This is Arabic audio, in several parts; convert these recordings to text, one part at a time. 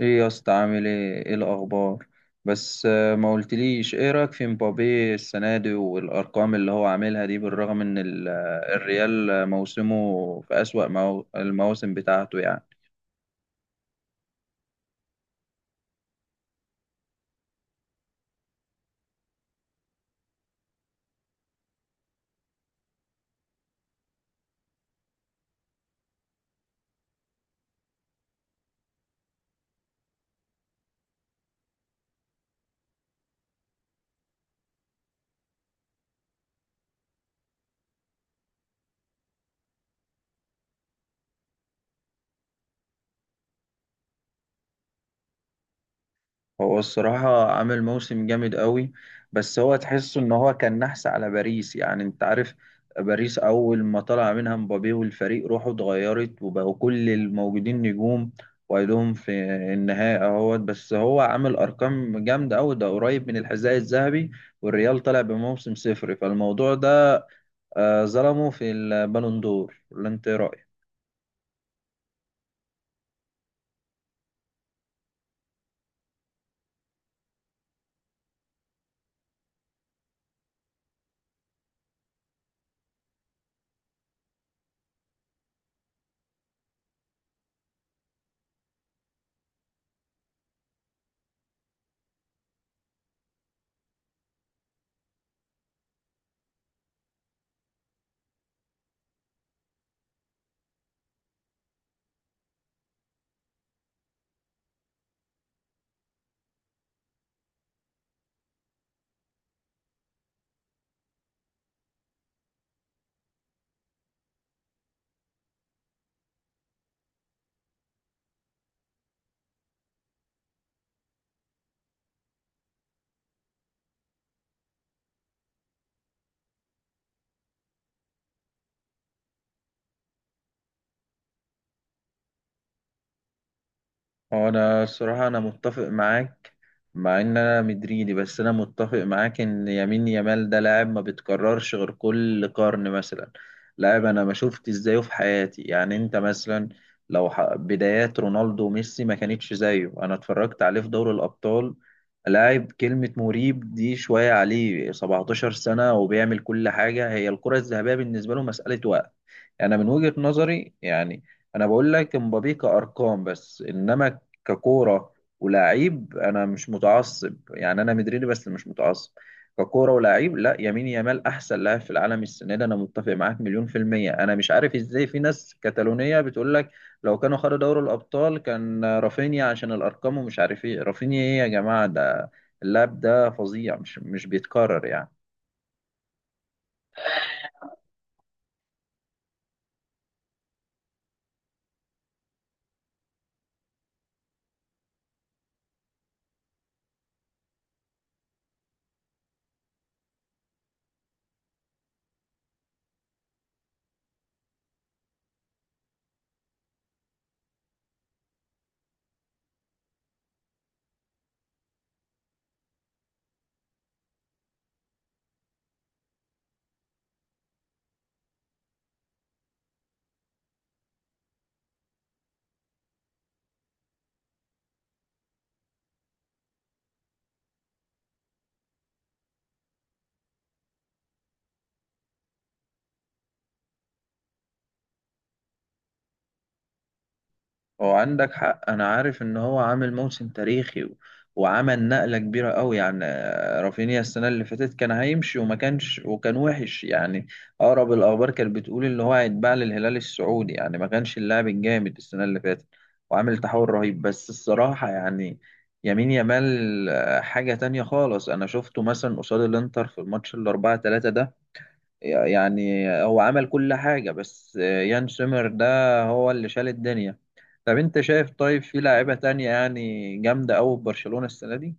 ايه يا اسطى، عامل ايه الاخبار؟ بس ما قلتليش ايه رايك في مبابي السنه دي والارقام اللي هو عاملها دي، بالرغم ان الريال موسمه في اسوأ المواسم بتاعته يعني. هو الصراحة عامل موسم جامد قوي، بس هو تحسه ان هو كان نحس على باريس يعني. انت عارف، باريس اول ما طلع منها مبابي والفريق روحه اتغيرت وبقوا كل الموجودين نجوم، وايدهم في النهائي اهوت. بس هو عامل ارقام جامدة قوي، ده قريب من الحذاء الذهبي، والريال طلع بموسم صفر. فالموضوع ده ظلمه في البالون دور، ولا انت إيه رأيك؟ هو انا الصراحه انا متفق معاك، مع ان انا مدريدي، بس انا متفق معاك ان يمين يامال ده لاعب ما بيتكررش غير كل قرن مثلا. لاعب انا ما شفت ازايه في حياتي. يعني انت مثلا لو بدايات رونالدو وميسي ما كانتش زيه. انا اتفرجت عليه في دوري الابطال، لاعب كلمه مريب دي شويه عليه، 17 سنه وبيعمل كل حاجه. هي الكره الذهبيه بالنسبه له مساله وقت يعني. انا من وجهة نظري يعني، انا بقول لك امبابي كارقام، بس انما ككورة ولاعيب، أنا مش متعصب يعني. أنا مدريدي بس مش متعصب. ككورة ولاعيب، لا، يمين يامال أحسن لاعب في العالم السنة دي، أنا متفق معاك مليون في المية. أنا مش عارف إزاي في ناس كتالونية بتقول لك لو كانوا خدوا دوري الأبطال كان رافينيا عشان الأرقام ومش عارف إيه. رافينيا إيه يا جماعة؟ ده اللاعب ده فظيع، مش بيتكرر يعني. هو عندك حق، انا عارف ان هو عامل موسم تاريخي، و... وعمل نقلة كبيرة قوي يعني. رافينيا السنة اللي فاتت كان هيمشي وما كانش، وكان وحش يعني. اقرب الاخبار كانت بتقول ان هو هيتباع للهلال السعودي يعني. ما كانش اللاعب الجامد السنة اللي فاتت، وعامل تحول رهيب. بس الصراحة يعني يمين يامال حاجة تانية خالص. انا شفته مثلا قصاد الانتر في الماتش 4-3 ده، يعني هو عمل كل حاجة، بس يان سومر ده هو اللي شال الدنيا. طب انت شايف، طيب في لاعيبة تانية يعني جامدة أوي في برشلونة السنة دي؟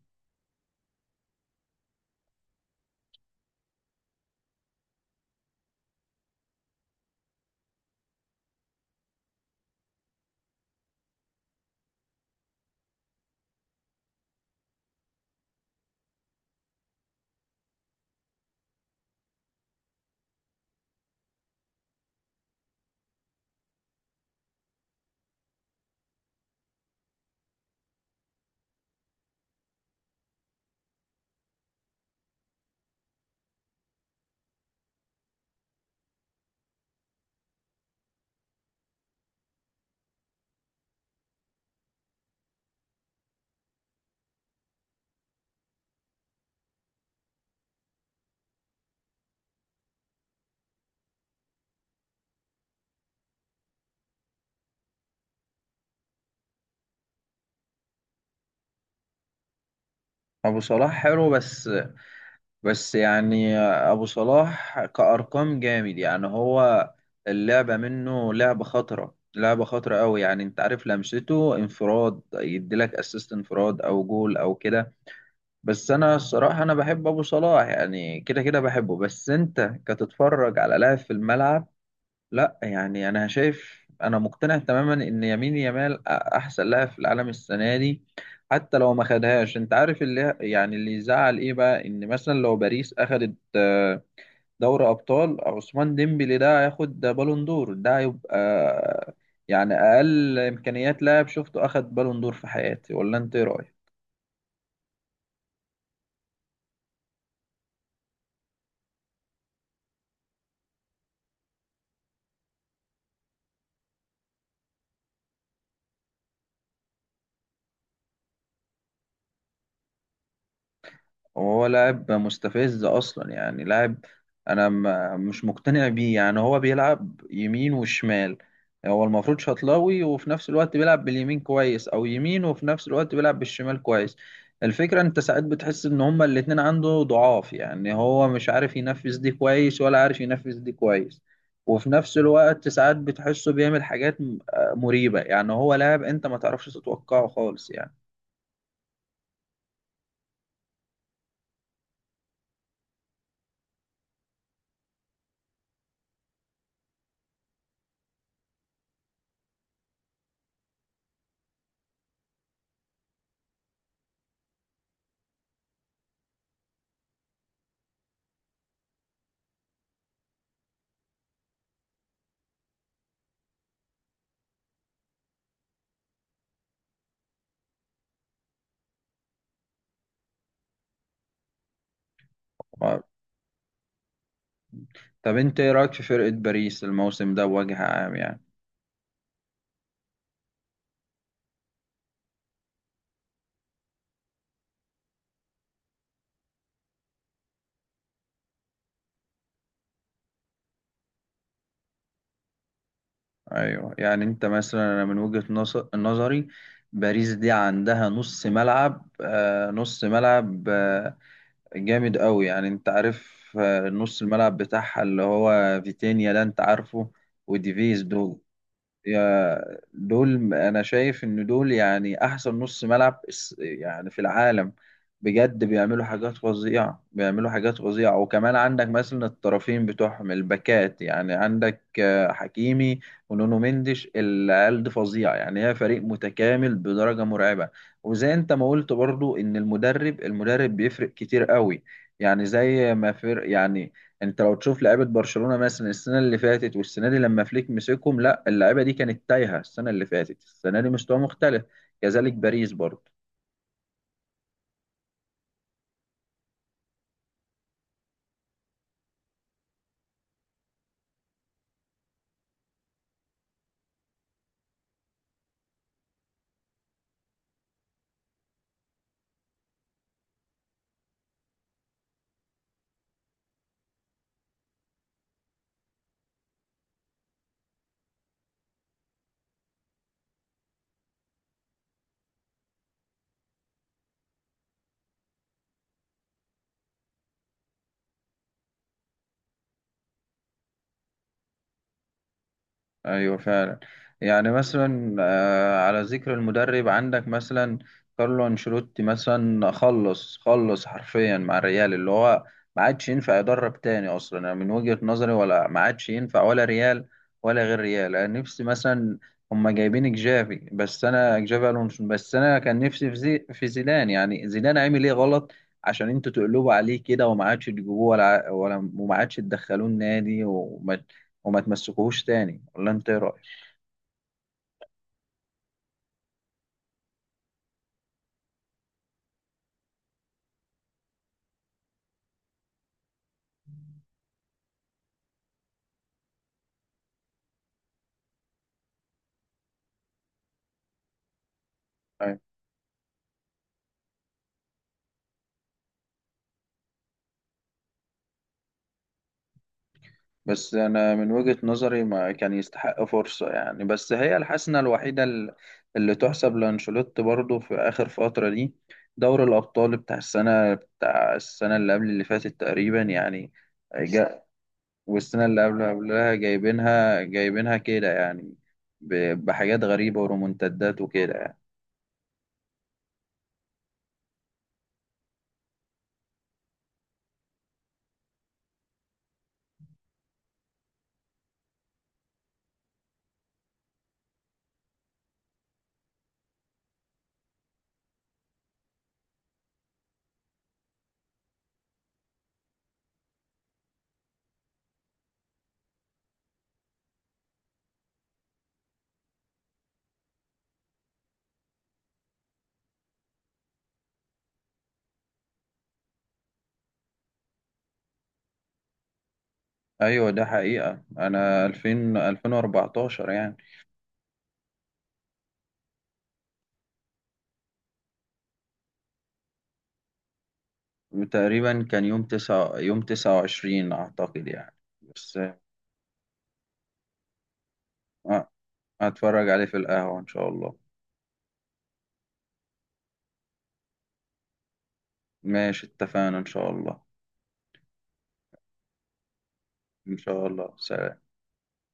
أبو صلاح حلو، بس بس يعني أبو صلاح كأرقام جامد يعني. هو اللعبة منه لعبة خطرة، لعبة خطرة أوي يعني. انت عارف لمسته، انفراد يديلك اسيست، انفراد أو جول أو كده. بس انا الصراحه انا بحب ابو صلاح يعني، كده كده بحبه. بس انت كتتفرج على لاعب في الملعب، لا. يعني انا شايف، انا مقتنع تماما ان يمين يامال احسن لاعب في العالم السنه دي، حتى لو ما خدهاش. انت عارف اللي يعني اللي يزعل ايه بقى؟ ان مثلا لو باريس اخدت دوري ابطال، عثمان ديمبلي ده هياخد بالون دور. ده هيبقى يعني اقل امكانيات لاعب شفته اخد بالون دور في حياتي، ولا انت ايه رايك؟ هو لاعب مستفز اصلا يعني. لاعب انا مش مقتنع بيه يعني. هو بيلعب يمين وشمال. هو المفروض شطلاوي، وفي نفس الوقت بيلعب باليمين كويس، او يمين وفي نفس الوقت بيلعب بالشمال كويس. الفكرة انت ساعات بتحس ان هما الاتنين عنده ضعاف يعني، هو مش عارف ينفذ دي كويس ولا عارف ينفذ دي كويس. وفي نفس الوقت ساعات بتحسه بيعمل حاجات مريبة يعني. هو لاعب انت ما تعرفش تتوقعه خالص يعني. طب انت ايه رايك في فرقه باريس الموسم ده بوجه عام يعني؟ ايوه، يعني انت مثلا انا من وجهه نظري، باريس دي عندها نص ملعب، نص ملعب، جامد قوي يعني. انت عارف، نص الملعب بتاعها اللي هو فيتينيا ده انت عارفه، وديفيز دول. يا دول، انا شايف ان دول يعني احسن نص ملعب يعني في العالم، بجد. بيعملوا حاجات فظيعة، بيعملوا حاجات فظيعة. وكمان عندك مثلا الطرفين بتوعهم الباكات يعني، عندك حكيمي ونونو مندش. العيال دي فظيعة يعني، هي فريق متكامل بدرجة مرعبة. وزي انت ما قلت برضو ان المدرب بيفرق كتير قوي يعني، زي ما فرق يعني. انت لو تشوف لعيبه برشلونه مثلا السنه اللي فاتت والسنه دي لما فليك مسكهم، لا، اللعيبه دي كانت تايهه السنه اللي فاتت، السنه دي مستوى مختلف. كذلك باريس برضه. ايوه فعلا. يعني مثلا على ذكر المدرب، عندك مثلا كارلو انشيلوتي مثلا، خلص حرفيا مع الريال، اللي هو ما عادش ينفع يدرب تاني اصلا انا من وجهة نظري. ولا ما عادش ينفع ولا ريال ولا غير ريال. انا نفسي مثلا، هما جايبين جافي، بس انا جافي الونسو، بس انا كان نفسي في زي في زيدان يعني. زيدان عامل ايه غلط عشان انتوا تقلبوا عليه كده وما عادش تجيبوه ولا وما عادش تدخلوه النادي، وما تمسكوهوش تاني؟ ولا انت ايه رايك؟ أيوة. بس انا من وجهة نظري ما كان يستحق فرصة يعني. بس هي الحسنة الوحيدة اللي تحسب لانشيلوتي برضو في اخر فترة دي، دوري الابطال بتاع السنة اللي قبل اللي فاتت تقريبا يعني جا. والسنة اللي قبل قبلها جايبينها كده يعني، بحاجات غريبة ورومنتدات وكده يعني. ايوه ده حقيقة، انا 2000، 2014 يعني. تقريبا كان يوم 9، يوم 29 أعتقد يعني. بس آه، هتفرج عليه في القهوة إن شاء الله. ماشي اتفقنا إن شاء الله. إن شاء الله، سلام.